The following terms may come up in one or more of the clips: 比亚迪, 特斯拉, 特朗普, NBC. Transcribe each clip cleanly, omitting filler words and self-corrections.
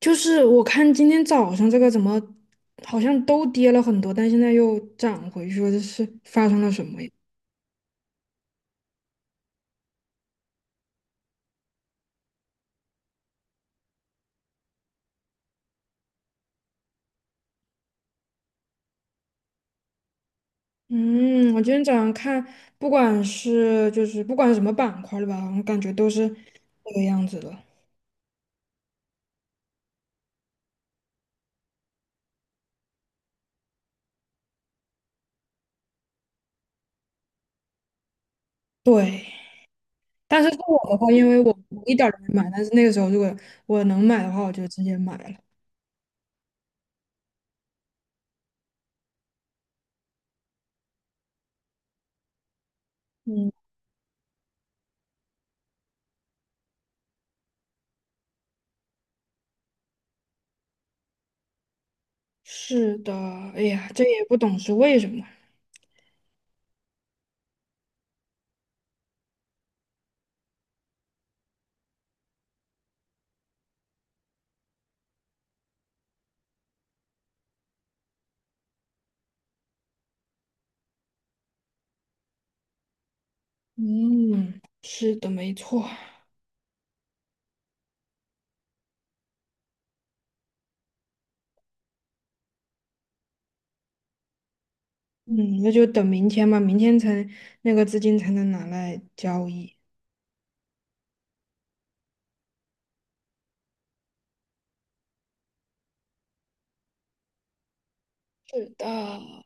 就是我看今天早上这个怎么好像都跌了很多，但现在又涨回去了，这是发生了什么呀？嗯，我今天早上看，不管是就是不管什么板块的吧，我感觉都是这个样子的。对，但是是我的话，因为我一点儿都没买，但是那个时候如果我能买的话，我就直接买了。是的，哎呀，这也不懂是为什么。嗯，是的，没错。嗯，那就等明天吧，明天才那个资金才能拿来交易。是的，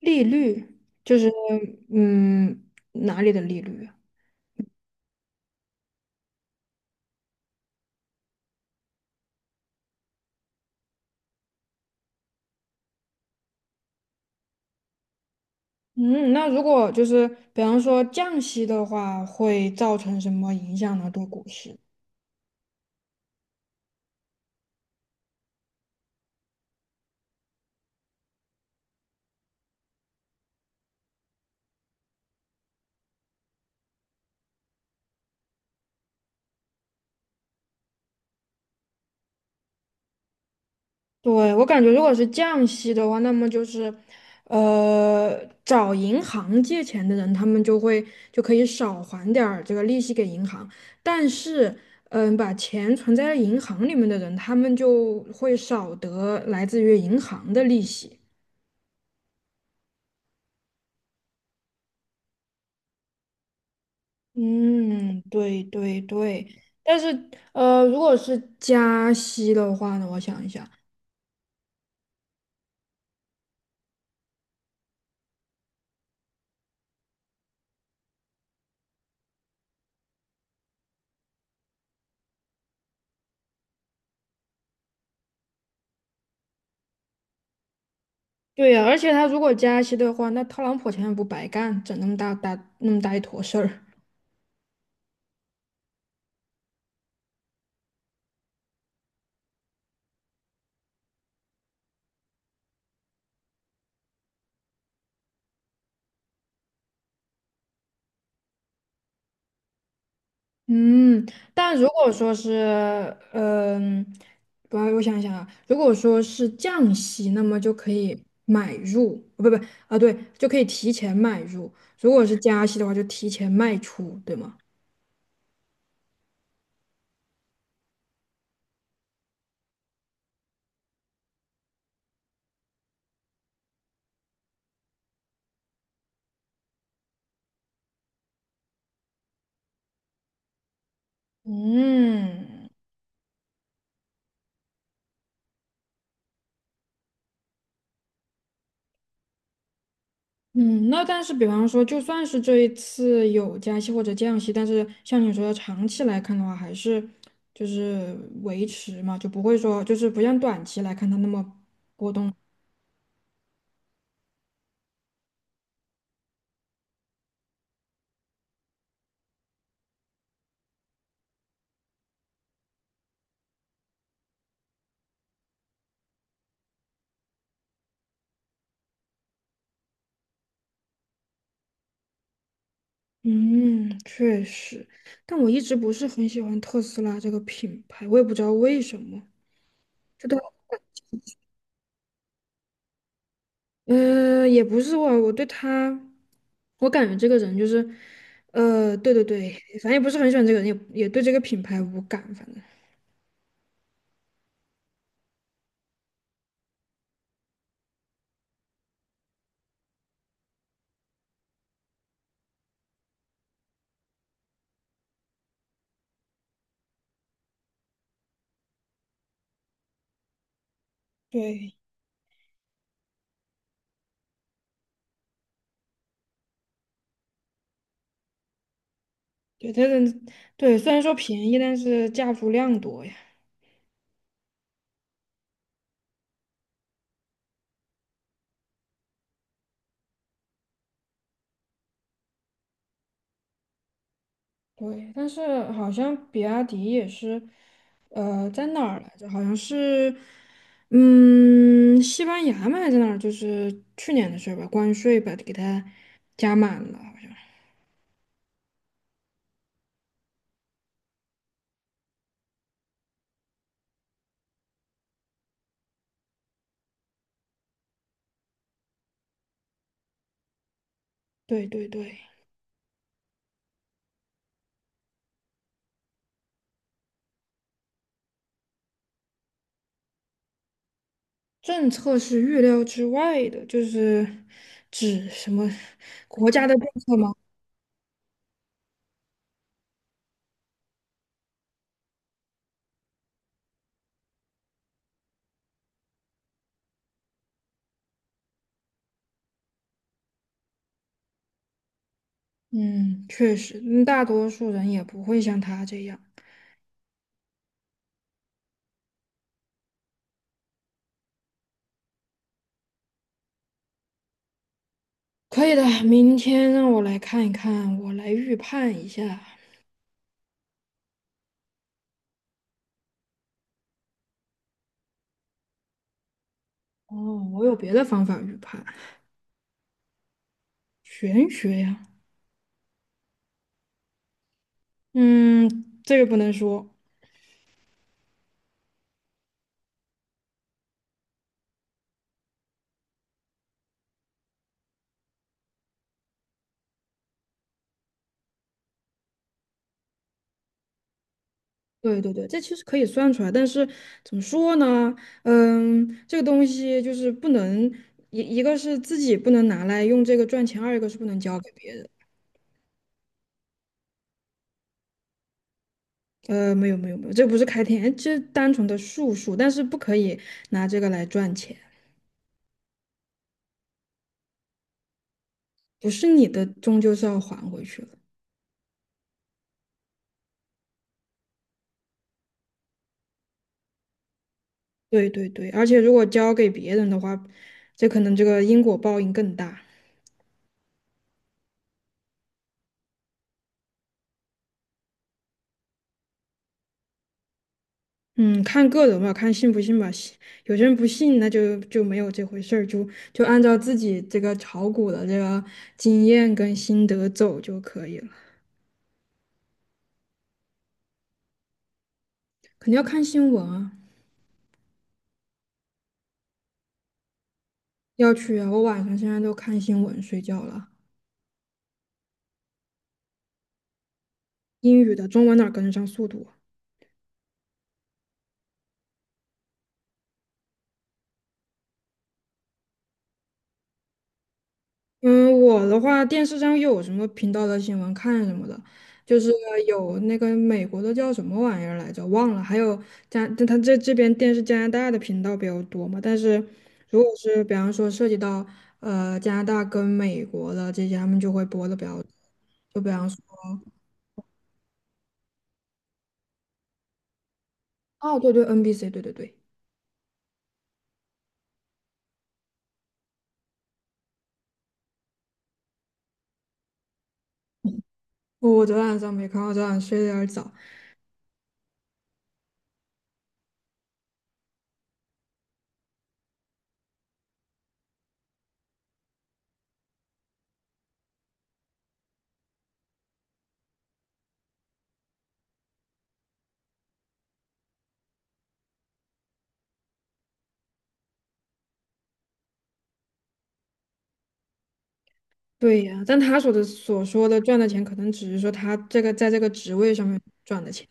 利率就是。嗯，哪里的利率啊？嗯，那如果就是比方说降息的话，会造成什么影响呢？对股市？对，我感觉如果是降息的话，那么就是，呃，找银行借钱的人，他们就会就可以少还点儿这个利息给银行，但是，嗯、把钱存在银行里面的人，他们就会少得来自于银行的利息。嗯，对对对，但是，如果是加息的话呢，我想一下，对呀、而且他如果加息的话，那特朗普钱也不白干，整那么大那么大一坨事儿。嗯，但如果说是，嗯、我想想啊，如果说是降息，那么就可以买入，哦不不啊，对，就可以提前买入；如果是加息的话，就提前卖出，对吗？嗯。嗯，那但是比方说，就算是这一次有加息或者降息，但是像你说的长期来看的话，还是就是维持嘛，就不会说就是不像短期来看它那么。嗯，确实，但我一直不是很喜欢特斯拉这个品牌，我也不知道为什么。就的，也不是我，我对他，我感觉这个人就是，对对对，反正也不是很喜欢这个人，也对这个品牌无感，反正。对，对，他的，对，虽然说便宜，但是价足量多呀。对，但是好像比亚迪也是，在哪儿来着？好像是，嗯，西班牙嘛，还是哪儿？就是去年的事儿吧，关税把给它加满了，好像。对对对，政策是预料之外的，就是指什么国家的政策吗？嗯，确实，嗯大多数人也不会像他这样。可以的，明天让我来看一看，我来预判一下。哦，我有别的方法预判。玄学呀，嗯，这个不能说。对对对，这其实可以算出来，但是怎么说呢？嗯，这个东西就是不能一个是自己不能拿来用这个赚钱，二一个是不能交给别人。没有，这不是开天，这单纯的术数，但是不可以拿这个来赚钱，不是你的，终究是要还回去了。对对对，而且如果交给别人的话，这可能这个因果报应更大。嗯，看个人吧，看信不信吧。信有些人不信，那就没有这回事儿，就按照自己这个炒股的这个经验跟心得走就可以了。肯定要看新闻啊，要去啊。我晚上现在都看新闻睡觉了，英语的、中文哪儿跟得上速度啊。嗯，我的话，电视上有什么频道的新闻看什么的，就是有那个美国的叫什么玩意儿来着，忘了，还有加，他这这边电视加拿大的频道比较多嘛，但是如果是比方说涉及到加拿大跟美国的这些，他们就会播的比较多，就比方说，哦，对对，NBC,对对对，我昨晚上没看，我昨晚睡得有点早。对呀，但他所说的赚的钱，可能只是说他这个在这个职位上面赚的钱。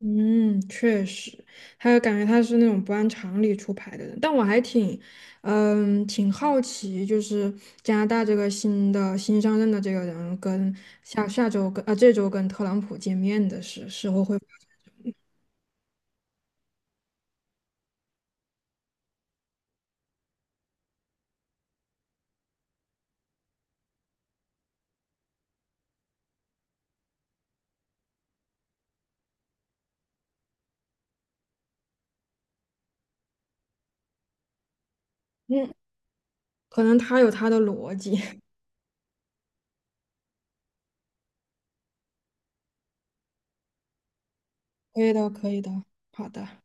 嗯，确实，还有感觉他是那种不按常理出牌的人，但我还挺，嗯，挺好奇，就是加拿大这个新上任的这个人跟下周跟啊、这周跟特朗普见面的时候会，嗯，可能他有他的逻辑，可以的，可以的，好的。